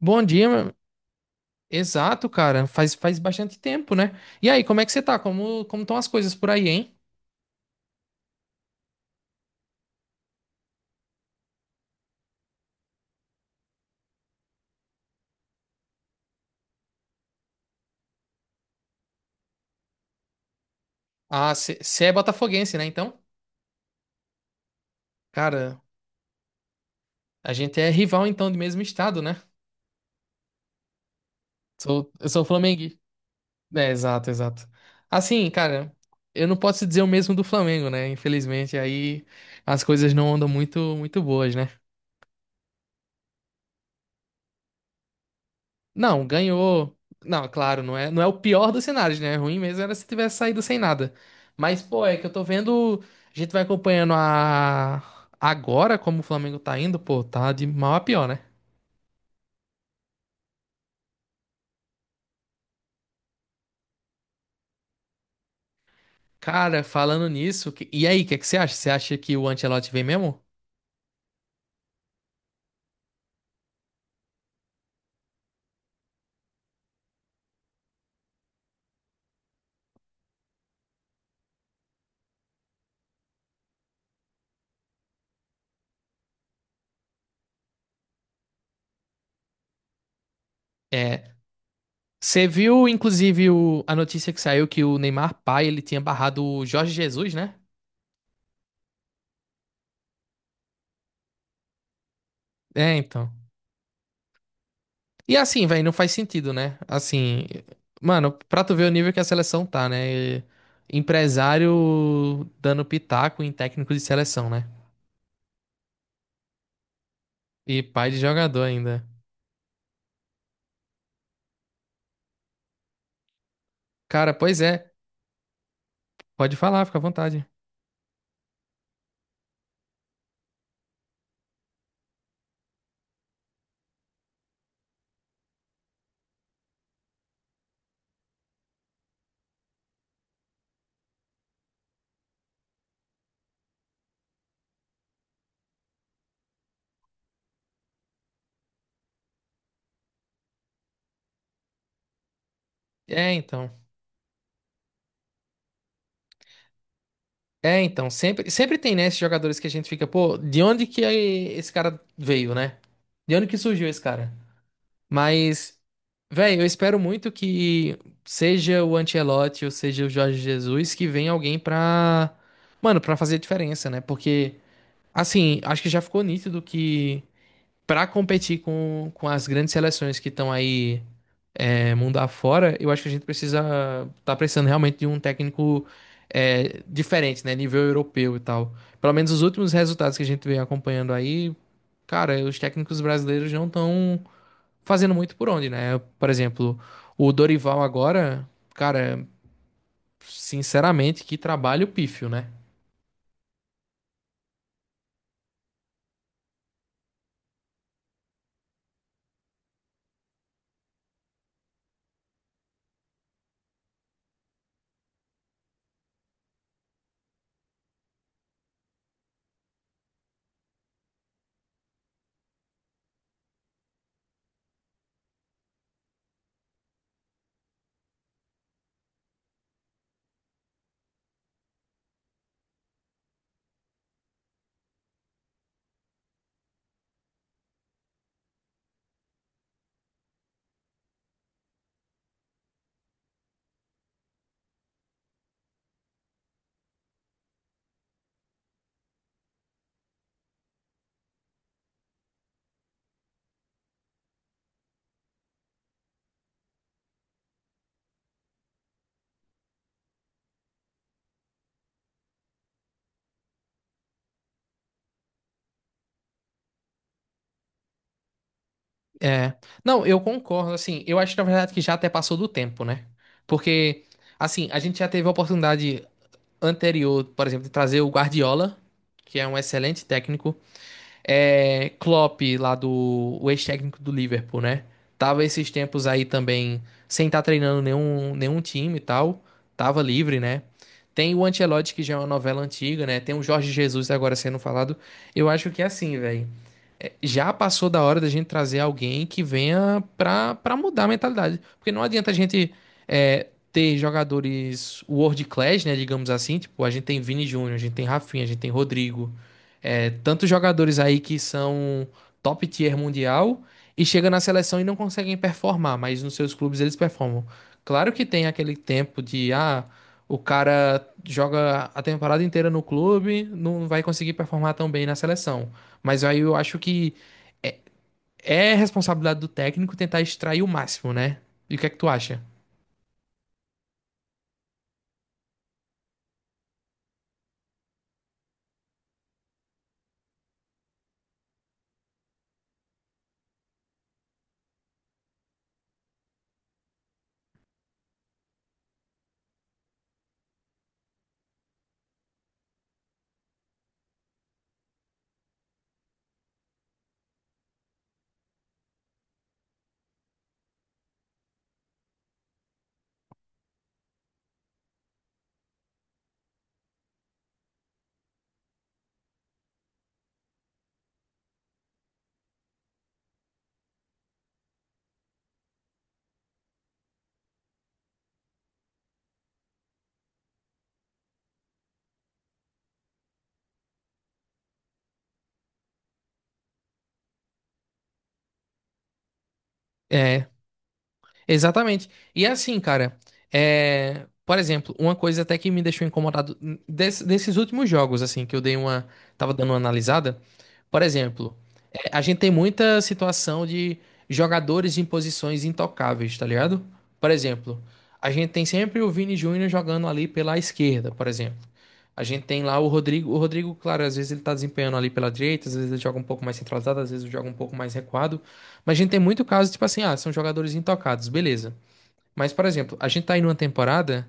Bom dia, exato, cara. Faz bastante tempo, né? E aí, como é que você tá? Como estão as coisas por aí, hein? Ah, você é botafoguense, né? Então, cara, a gente é rival então do mesmo estado, né? Sou, eu sou flamenguista. É, exato, exato. Assim, cara, eu não posso dizer o mesmo do Flamengo, né? Infelizmente, aí as coisas não andam muito, muito boas, né? Não, ganhou. Não, claro, não é o pior dos cenários, né? É ruim mesmo era se tivesse saído sem nada. Mas, pô, é que eu tô vendo. A gente vai acompanhando a. Agora como o Flamengo tá indo, pô, tá de mal a pior, né? Cara, falando nisso, e aí, o que é que você acha? Você acha que o Ancelotti vem mesmo? É. Você viu, inclusive, a notícia que saiu que o Neymar pai, ele tinha barrado o Jorge Jesus, né? É, então. E assim, velho, não faz sentido, né? Assim, mano, pra tu ver o nível que a seleção tá, né? Empresário dando pitaco em técnico de seleção, né? E pai de jogador ainda. Cara, pois é, pode falar, fica à vontade. É, então. É, então, sempre, sempre tem, né, esses jogadores que a gente fica, pô, de onde que esse cara veio, né? De onde que surgiu esse cara? Mas, velho, eu espero muito que seja o Ancelotti ou seja o Jorge Jesus, que venha alguém pra, mano, pra fazer a diferença, né? Porque, assim, acho que já ficou nítido que pra competir com as grandes seleções que estão aí mundo afora, eu acho que a gente precisa tá precisando realmente de um técnico diferente, né? Nível europeu e tal. Pelo menos os últimos resultados que a gente vem acompanhando aí, cara, os técnicos brasileiros não estão fazendo muito por onde, né? Por exemplo, o Dorival agora, cara, sinceramente, que trabalho pífio, né? É. Não, eu concordo, assim, eu acho na verdade que já até passou do tempo, né? Porque, assim, a gente já teve a oportunidade anterior, por exemplo, de trazer o Guardiola, que é um excelente técnico. É, Klopp, lá do o ex-técnico do Liverpool, né? Tava esses tempos aí também sem estar treinando nenhum time e tal. Tava livre, né? Tem o Ancelotti, que já é uma novela antiga, né? Tem o Jorge Jesus agora sendo falado. Eu acho que é assim, velho, já passou da hora da gente trazer alguém que venha pra, pra mudar a mentalidade. Porque não adianta a gente ter jogadores world class, né, digamos assim. Tipo, a gente tem Vini Júnior, a gente tem Rafinha, a gente tem Rodrigo. Tantos jogadores aí que são top tier mundial e chega na seleção e não conseguem performar, mas nos seus clubes eles performam. Claro que tem aquele tempo de, ah, o cara joga a temporada inteira no clube, não vai conseguir performar tão bem na seleção. Mas aí eu acho que é responsabilidade do técnico tentar extrair o máximo, né? E o que é que tu acha? É, Exatamente. E é assim, cara, por exemplo, uma coisa até que me deixou incomodado desses últimos jogos, assim, que eu dei uma. Tava dando uma analisada. Por exemplo, a gente tem muita situação de jogadores em posições intocáveis, tá ligado? Por exemplo, a gente tem sempre o Vini Júnior jogando ali pela esquerda, por exemplo. A gente tem lá o Rodrigo. O Rodrigo, claro, às vezes ele tá desempenhando ali pela direita, às vezes ele joga um pouco mais centralizado, às vezes ele joga um pouco mais recuado. Mas a gente tem muito caso, tipo assim, ah, são jogadores intocados, beleza. Mas, por exemplo, a gente tá aí numa temporada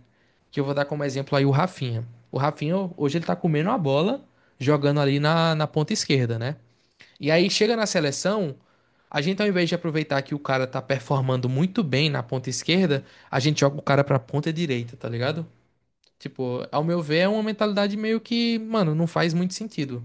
que eu vou dar como exemplo aí o Rafinha. O Rafinha, hoje ele tá comendo a bola, jogando ali na ponta esquerda, né? E aí chega na seleção, a gente, ao invés de aproveitar que o cara tá performando muito bem na ponta esquerda, a gente joga o cara pra ponta direita, tá ligado? Tipo, ao meu ver, é uma mentalidade meio que, mano, não faz muito sentido.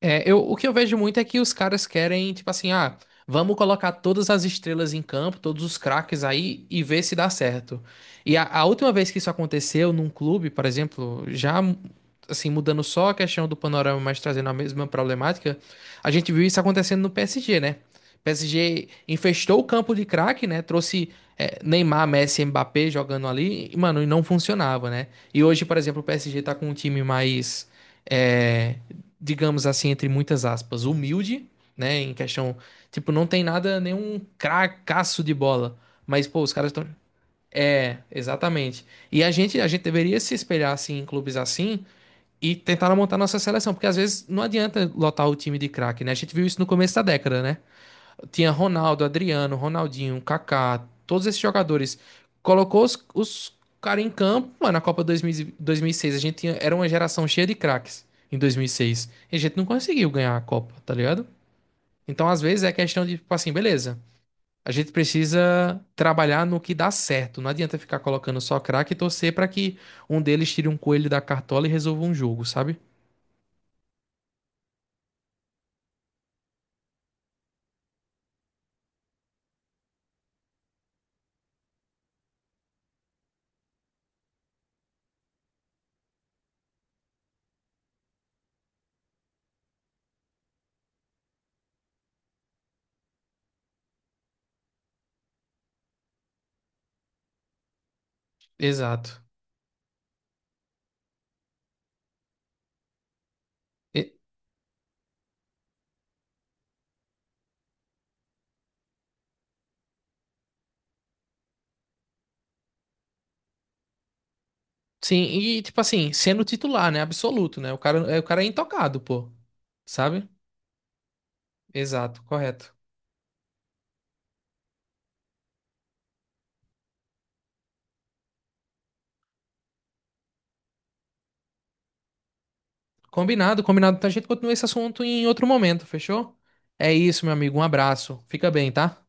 É, eu, o que eu vejo muito é que os caras querem, tipo assim, ah, vamos colocar todas as estrelas em campo, todos os craques aí e ver se dá certo. E a última vez que isso aconteceu num clube, por exemplo, já assim, mudando só a questão do panorama, mas trazendo a mesma problemática, a gente viu isso acontecendo no PSG, né? O PSG infestou o campo de craque, né? Trouxe Neymar, Messi, Mbappé jogando ali, e, mano, e não funcionava, né? E hoje, por exemplo, o PSG tá com um time mais. É, digamos assim, entre muitas aspas, humilde, né? Em questão, tipo, não tem nada, nenhum cracaço de bola. Mas, pô, os caras estão. É, exatamente. E a gente deveria se espelhar assim em clubes assim e tentar montar nossa seleção, porque às vezes não adianta lotar o time de craque, né? A gente viu isso no começo da década, né? Tinha Ronaldo, Adriano, Ronaldinho, Kaká, todos esses jogadores. Colocou os caras em campo, mano, na Copa dois mil e 2006. A gente tinha, era uma geração cheia de craques em 2006. E seis. E a gente não conseguiu ganhar a Copa, tá ligado? Então, às vezes, é questão de, tipo assim, beleza. A gente precisa trabalhar no que dá certo. Não adianta ficar colocando só craque e torcer pra que um deles tire um coelho da cartola e resolva um jogo, sabe? Exato. E- Sim, e tipo assim, sendo titular, né? Absoluto, né? O cara é intocado, pô. Sabe? Exato, correto. Combinado, combinado. Então a gente continua esse assunto em outro momento, fechou? É isso, meu amigo. Um abraço. Fica bem, tá?